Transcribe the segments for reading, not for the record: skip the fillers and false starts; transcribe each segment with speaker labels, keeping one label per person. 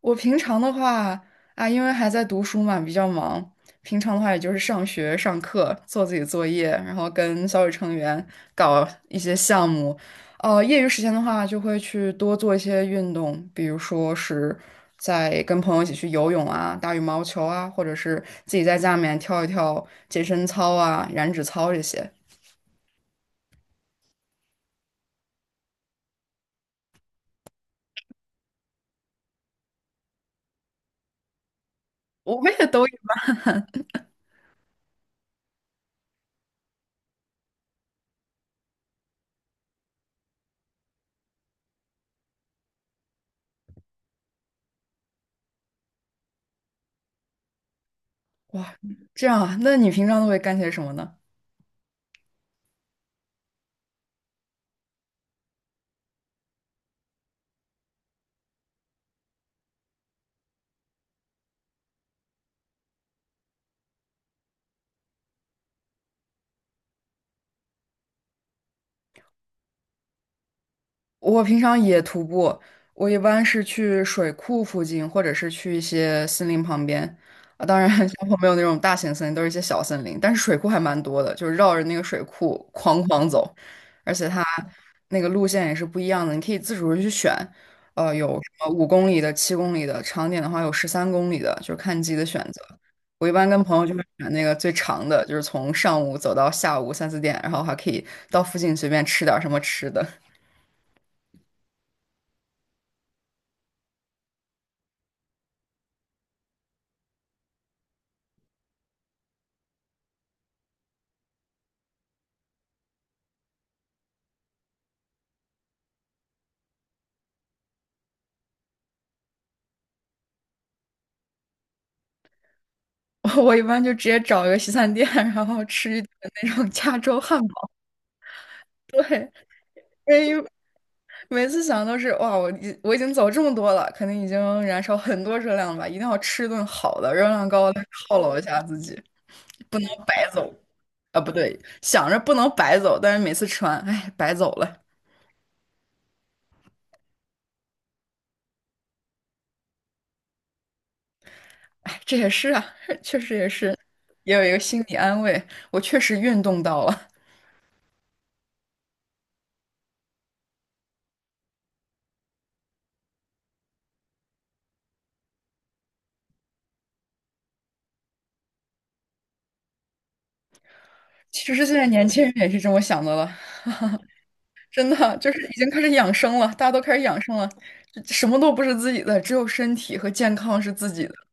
Speaker 1: 我平常的话啊，因为还在读书嘛，比较忙。平常的话，也就是上学、上课、做自己作业，然后跟小组成员搞一些项目。业余时间的话，就会去多做一些运动，比如说是在跟朋友一起去游泳啊、打羽毛球啊，或者是自己在家里面跳一跳健身操啊、燃脂操这些。我们也都有。这样啊。那你平常都会干些什么呢？我平常也徒步，我一般是去水库附近，或者是去一些森林旁边。啊，当然，小坡没有那种大型森林，都是一些小森林。但是水库还蛮多的，就是绕着那个水库哐哐走，而且它那个路线也是不一样的，你可以自主地去选。有什么5公里的、7公里的，长点的话有13公里的，就是看你自己的选择。我一般跟朋友就会选那个最长的，就是从上午走到下午三四点，然后还可以到附近随便吃点儿什么吃的。我一般就直接找一个西餐店，然后吃一顿那种加州汉堡，因为每次想都是哇，我已经走这么多了，肯定已经燃烧很多热量了吧，一定要吃一顿好的，热量高的犒劳一下自己，不能白走。啊，不对，想着不能白走，但是每次吃完，哎，白走了，哎，这也是啊，确实也是，也有一个心理安慰，我确实运动到了。其实现在年轻人也是这么想的了。真的就是已经开始养生了，大家都开始养生了，就什么都不是自己的，只有身体和健康是自己的。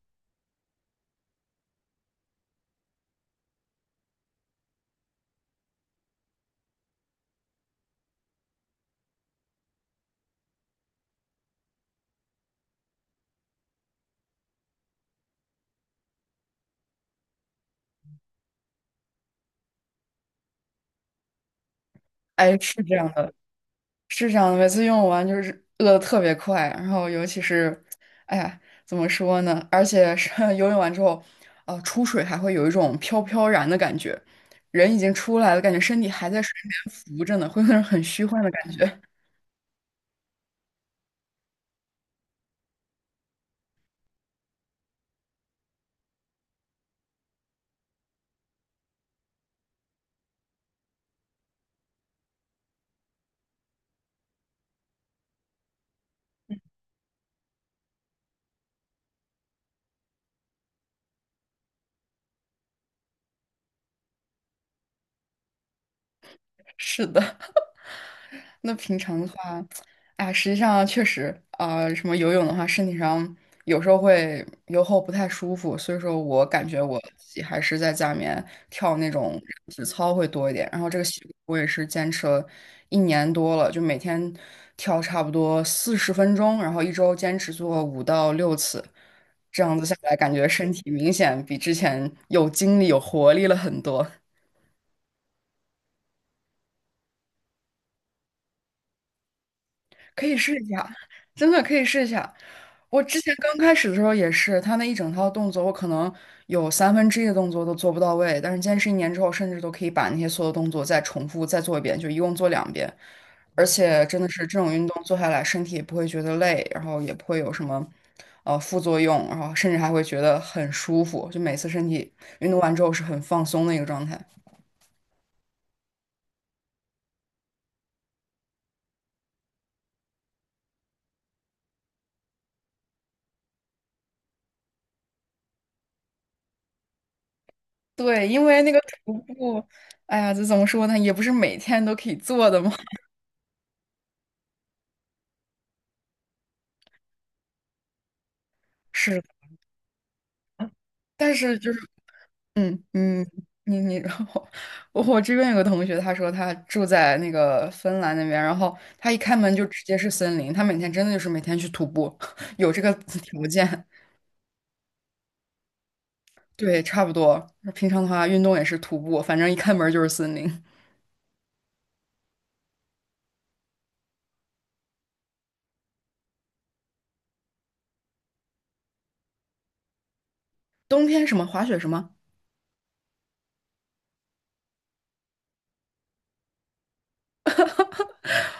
Speaker 1: 哎，是这样的，是这样的，每次用完就是饿的特别快，然后尤其是，哎呀，怎么说呢？而且是 游泳完之后，出水还会有一种飘飘然的感觉，人已经出来了，感觉身体还在水里面浮着呢，会有那种很虚幻的感觉。是的。那平常的话，哎呀，实际上确实，什么游泳的话，身体上有时候会游后不太舒服，所以说我感觉我自己还是在家里面跳那种体操会多一点。然后这个习惯我也是坚持了一年多了，就每天跳差不多40分钟，然后一周坚持做5到6次，这样子下来，感觉身体明显比之前有精力、有活力了很多。可以试一下，真的可以试一下。我之前刚开始的时候也是，他那一整套动作，我可能有1/3的动作都做不到位，但是坚持一年之后，甚至都可以把那些所有动作再重复再做一遍，就一共做两遍。而且真的是这种运动做下来，身体也不会觉得累，然后也不会有什么副作用，然后甚至还会觉得很舒服，就每次身体运动完之后是很放松的一个状态。对，因为那个徒步，哎呀，这怎么说呢，也不是每天都可以做的嘛。是但是就是，嗯嗯，你，然后我这边有个同学，他说他住在那个芬兰那边，然后他一开门就直接是森林，他每天真的就是每天去徒步，有这个 条件，对，差不多。平常的话运动也是徒步，反正一开门就是森林。冬天什么滑雪什么，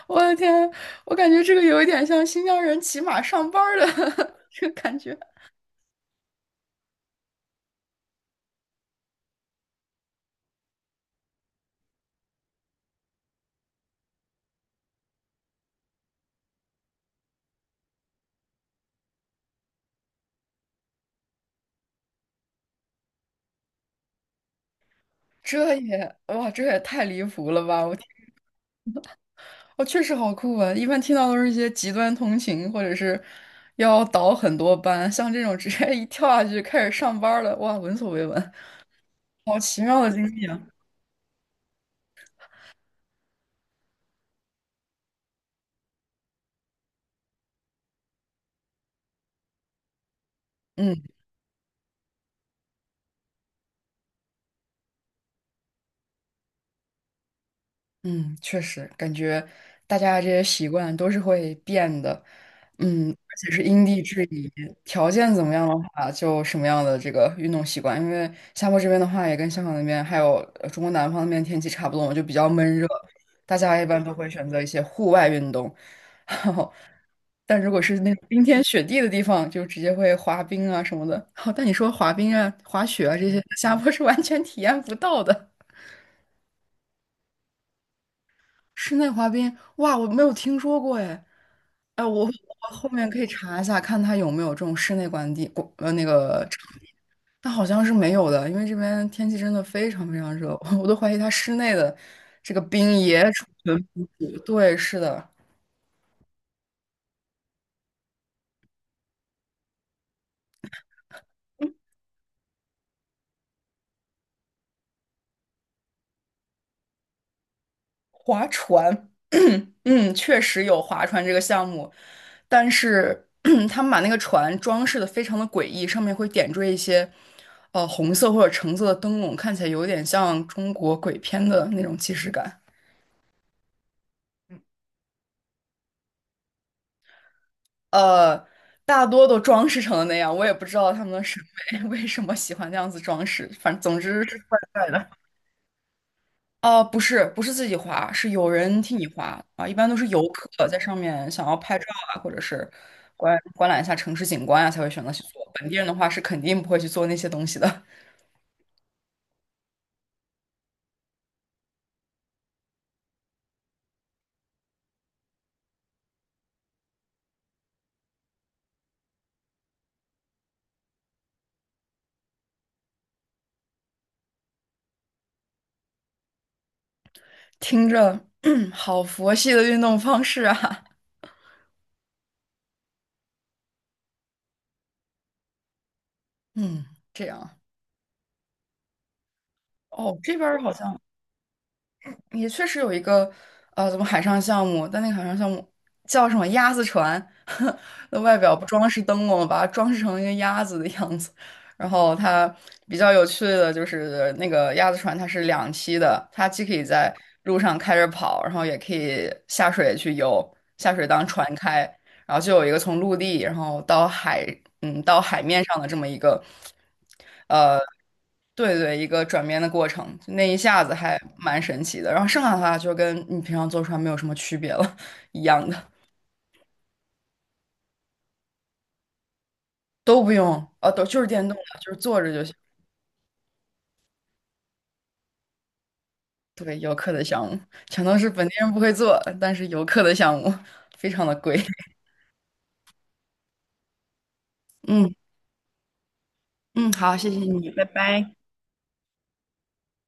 Speaker 1: 我的天，我感觉这个有一点像新疆人骑马上班儿的 这个感觉，这也哇，这也太离谱了吧！我。哦，确实好酷啊！一般听到都是一些极端通勤，或者是要倒很多班，像这种直接一跳下去就开始上班儿了，哇，闻所未闻，好奇妙的经历啊！嗯嗯，确实感觉大家这些习惯都是会变的，嗯，而且是因地制宜，条件怎么样的话，就什么样的这个运动习惯。因为夏末这边的话，也跟香港那边还有中国南方那边天气差不多嘛，就比较闷热，大家一般都会选择一些户外运动。然后。但如果是那种冰天雪地的地方，就直接会滑冰啊什么的。好，但你说滑冰啊、滑雪啊这些，下坡是完全体验不到的。室内滑冰，哇，我没有听说过哎。哎，我后面可以查一下，看它有没有这种室内管地，管那个场地，但好像是没有的，因为这边天气真的非常非常热，我都怀疑它室内的这个冰也储存不住。对，是的。划船，嗯，确实有划船这个项目，但是 他们把那个船装饰的非常的诡异，上面会点缀一些红色或者橙色的灯笼，看起来有点像中国鬼片的那种既视感。呃，大多都装饰成了那样，我也不知道他们的审美 为什么喜欢那样子装饰，反正总之是怪怪的。哦，不是，不是自己划，是有人替你划啊。一般都是游客在上面想要拍照啊，或者是观览一下城市景观啊，才会选择去做。本地人的话是肯定不会去做那些东西的。听着，好佛系的运动方式啊。嗯，这样。哦，这边儿好像也确实有一个怎么海上项目？但那个海上项目叫什么鸭子船？那外表不装饰灯笼，把它装饰成一个鸭子的样子。然后它比较有趣的就是那个鸭子船，它是两栖的，它既可以在路上开着跑，然后也可以下水去游，下水当船开。然后就有一个从陆地，然后到海，嗯，到海面上的这么一个，呃，对对，一个转变的过程，就那一下子还蛮神奇的。然后剩下的话就跟你平常坐船没有什么区别了，一样的，都不用，都就是电动的，就是坐着就行。对，游客的项目全都是本地人不会做，但是游客的项目非常的贵。嗯嗯，好，谢谢你，拜拜。